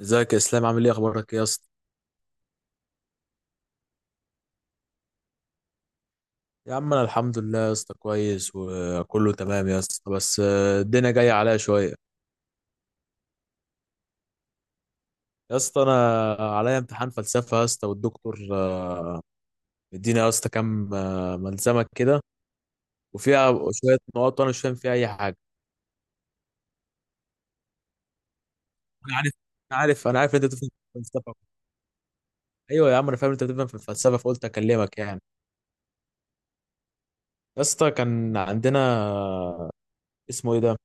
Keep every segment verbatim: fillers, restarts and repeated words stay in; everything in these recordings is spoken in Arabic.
ازيك يا اسلام؟ عامل ايه؟ اخبارك ايه يا اسطى؟ يا عم انا الحمد لله يا اسطى، كويس وكله تمام يا اسطى، بس آه، الدنيا جايه عليا شويه. يا اسطى انا عليا امتحان فلسفه يا اسطى، والدكتور آه، مدينا يا اسطى كام آه، ملزمه كده، وفيها شويه نقاط وانا مش فاهم فيها اي حاجه. انا عارف انا عارف انا عارف انت بتفهم في الفلسفه. ايوه يا عم، انا فاهم انت بتفهم في الفلسفه، فقلت اكلمك يعني. يا اسطى كان عندنا، اسمه ايه ده،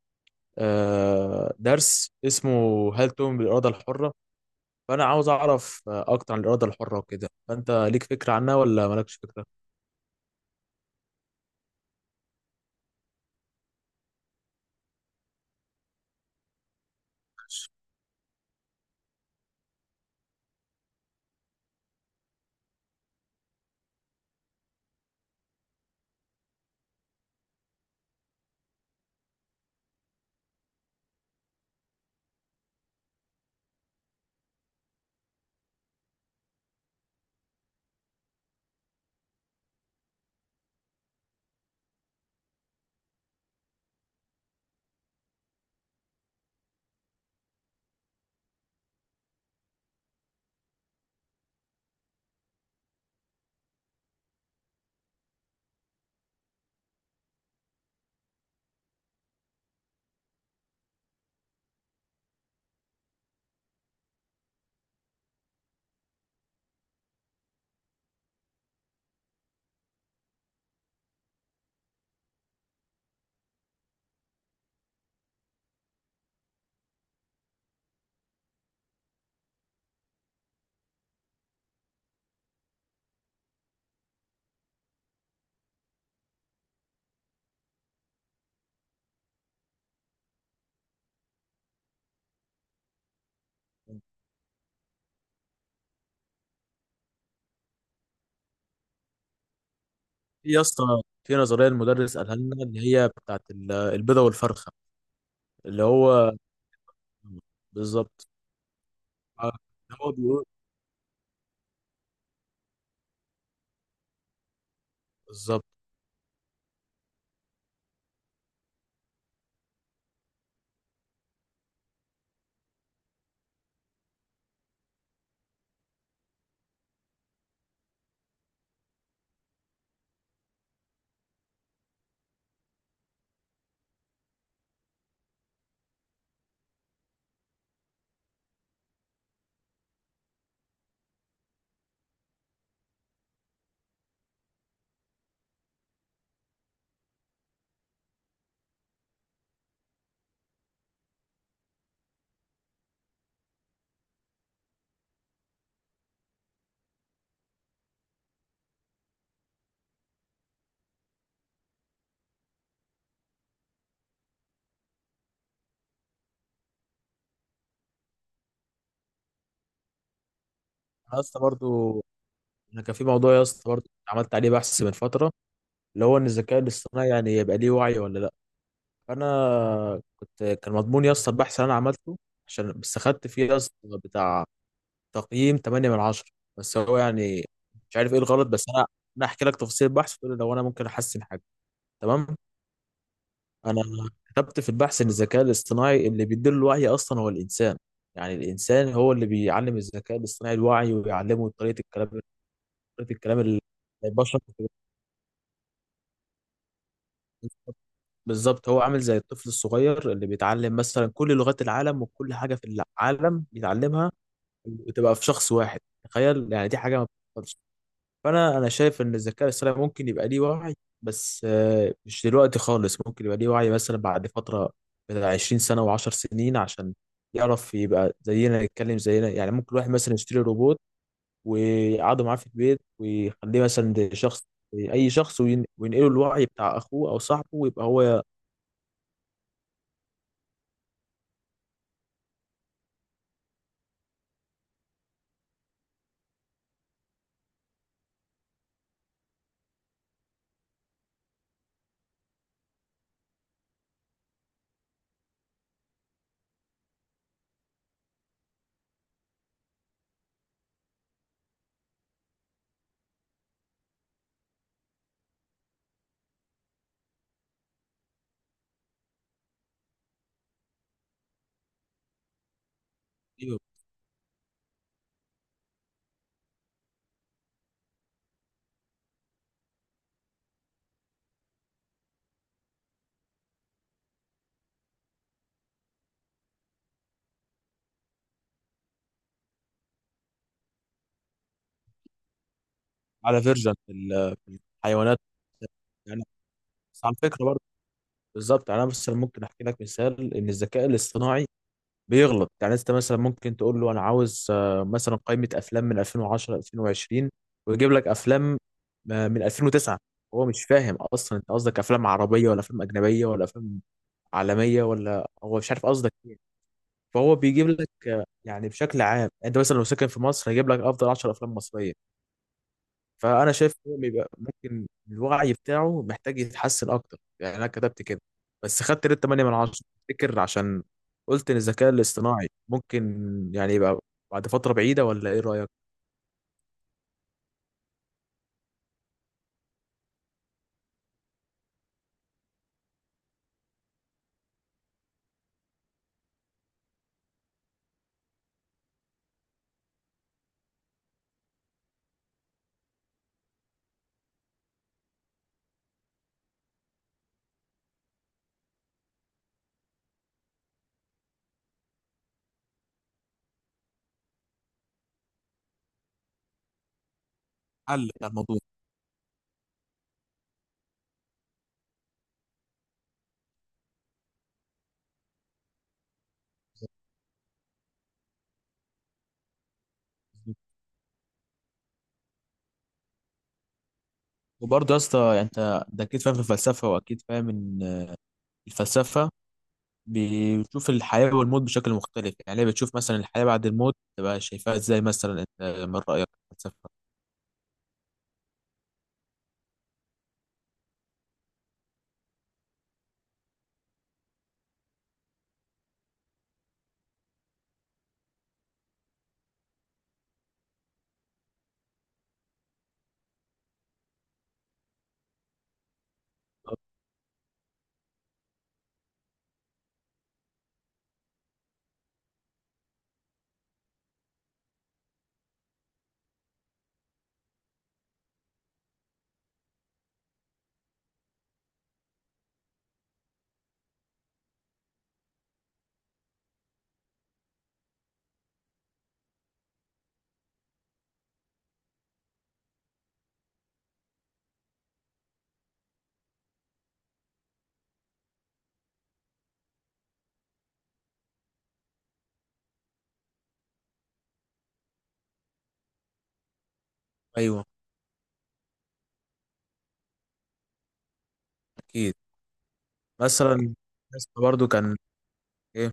آه درس اسمه هل تؤمن بالاراده الحره؟ فانا عاوز اعرف آه، اكتر عن الاراده الحره وكده، فانت ليك فكره عنها ولا مالكش فكره؟ في يا اسطى، في نظريه المدرس قالها لنا اللي هي بتاعت ال- البيضه والفرخه، اللي هو بالظبط، آه، هو بيقول بالظبط. انا اسطى برضو، انا كان في موضوع يا اسطى برضو عملت عليه بحث من فتره، اللي هو ان الذكاء الاصطناعي يعني يبقى ليه وعي ولا لا. فانا كنت، كان مضمون يا اسطى البحث اللي انا عملته، عشان بس خدت فيه يا اسطى بتاع تقييم تمانية من عشرة من عشرة. بس هو يعني مش عارف ايه الغلط. بس انا انا احكي لك تفاصيل البحث، وتقول لي لو انا ممكن احسن حاجه، تمام. انا كتبت في البحث ان الذكاء الاصطناعي اللي بيدير الوعي اصلا هو الانسان. يعني الانسان هو اللي بيعلم الذكاء الاصطناعي الوعي، ويعلمه طريقه الكلام طريقه الكلام اللي البشر بالظبط، هو عامل زي الطفل الصغير اللي بيتعلم مثلا كل لغات العالم وكل حاجه في العالم بيتعلمها، وتبقى في شخص واحد، تخيل يعني دي حاجه ما. فانا انا شايف ان الذكاء الاصطناعي ممكن يبقى ليه وعي، بس آه، مش دلوقتي خالص، ممكن يبقى ليه وعي مثلا بعد فتره بتاع عشرين سنة سنه و10 سنين، عشان يعرف يبقى زينا، يتكلم زينا. يعني ممكن واحد مثلا يشتري روبوت ويقعده معاه في البيت ويخليه مثلا ده شخص، اي شخص، وين- وينقله الوعي بتاع اخوه او صاحبه ويبقى هو على فيرجن في ال- في الحيوانات يعني. بس على فكره برضه بالظبط، يعني انا مثلا ممكن احكي لك مثال ان الذكاء الاصطناعي بيغلط. يعني انت مثلا ممكن تقول له انا عاوز آه، مثلا قائمه افلام من ألفين وعشرة ألفين وعشرين، ويجيب لك افلام آه، من ألفين وتسعة. هو مش فاهم اصلا انت قصدك افلام عربيه ولا افلام اجنبيه ولا افلام عالميه، ولا هو مش عارف قصدك ايه. فهو بيجيب لك آه، يعني بشكل عام، انت مثلا لو ساكن في مصر هيجيب لك افضل عشر أفلام افلام مصريه. فانا شايف ان هو بيبقى، ممكن الوعي بتاعه محتاج يتحسن اكتر. يعني انا كتبت كده، بس خدت ريت تمانية من عشرة. تفتكر عشان قلت ان الذكاء الاصطناعي ممكن يعني يبقى بعد فتره بعيده، ولا ايه رايك حل بتاع الموضوع؟ وبرضه يا اسطى، يعني انت ده اكيد فاهم في الفلسفه، واكيد فاهم ان الفلسفه بتشوف الحياه والموت بشكل مختلف. يعني هي بتشوف مثلا الحياه بعد الموت، تبقى شايفاها ازاي مثلا؟ انت من رايك في الفلسفه؟ ايوه، اكيد. مثلا برضو كان إيه؟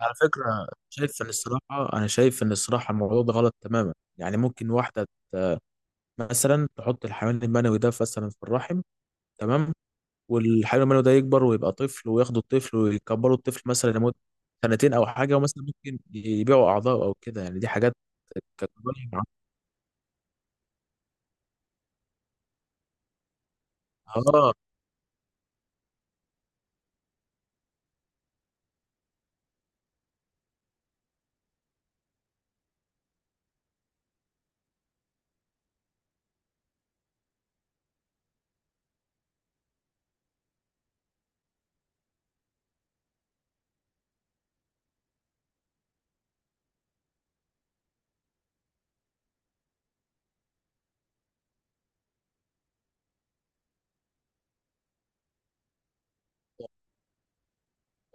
على فكرة، شايف إن الصراحة أنا شايف إن الصراحة الموضوع ده غلط تماما. يعني ممكن واحدة مثلا تحط الحيوان المنوي ده مثلا في الرحم، تمام، والحيوان المنوي ده يكبر ويبقى طفل، وياخدوا الطفل ويكبروا الطفل مثلا لمدة سنتين أو حاجة، ومثلا ممكن يبيعوا أعضاء أو كده. يعني دي حاجات كجرايم آه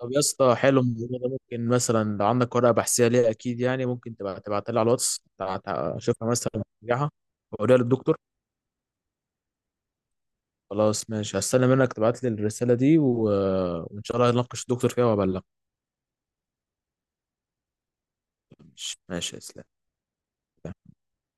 طب يا اسطى، حلو الموضوع ده. ممكن مثلا لو عندك ورقة بحثية ليه، أكيد يعني، ممكن تبقى تبعتها لي على الواتس، تع- تع- أشوفها مثلا ترجعها وأوريها للدكتور. خلاص ماشي، هستنى منك تبعت لي الرسالة دي، و... وإن شاء الله هنناقش الدكتور فيها وأبلغ. ماشي ماشي يا إسلام.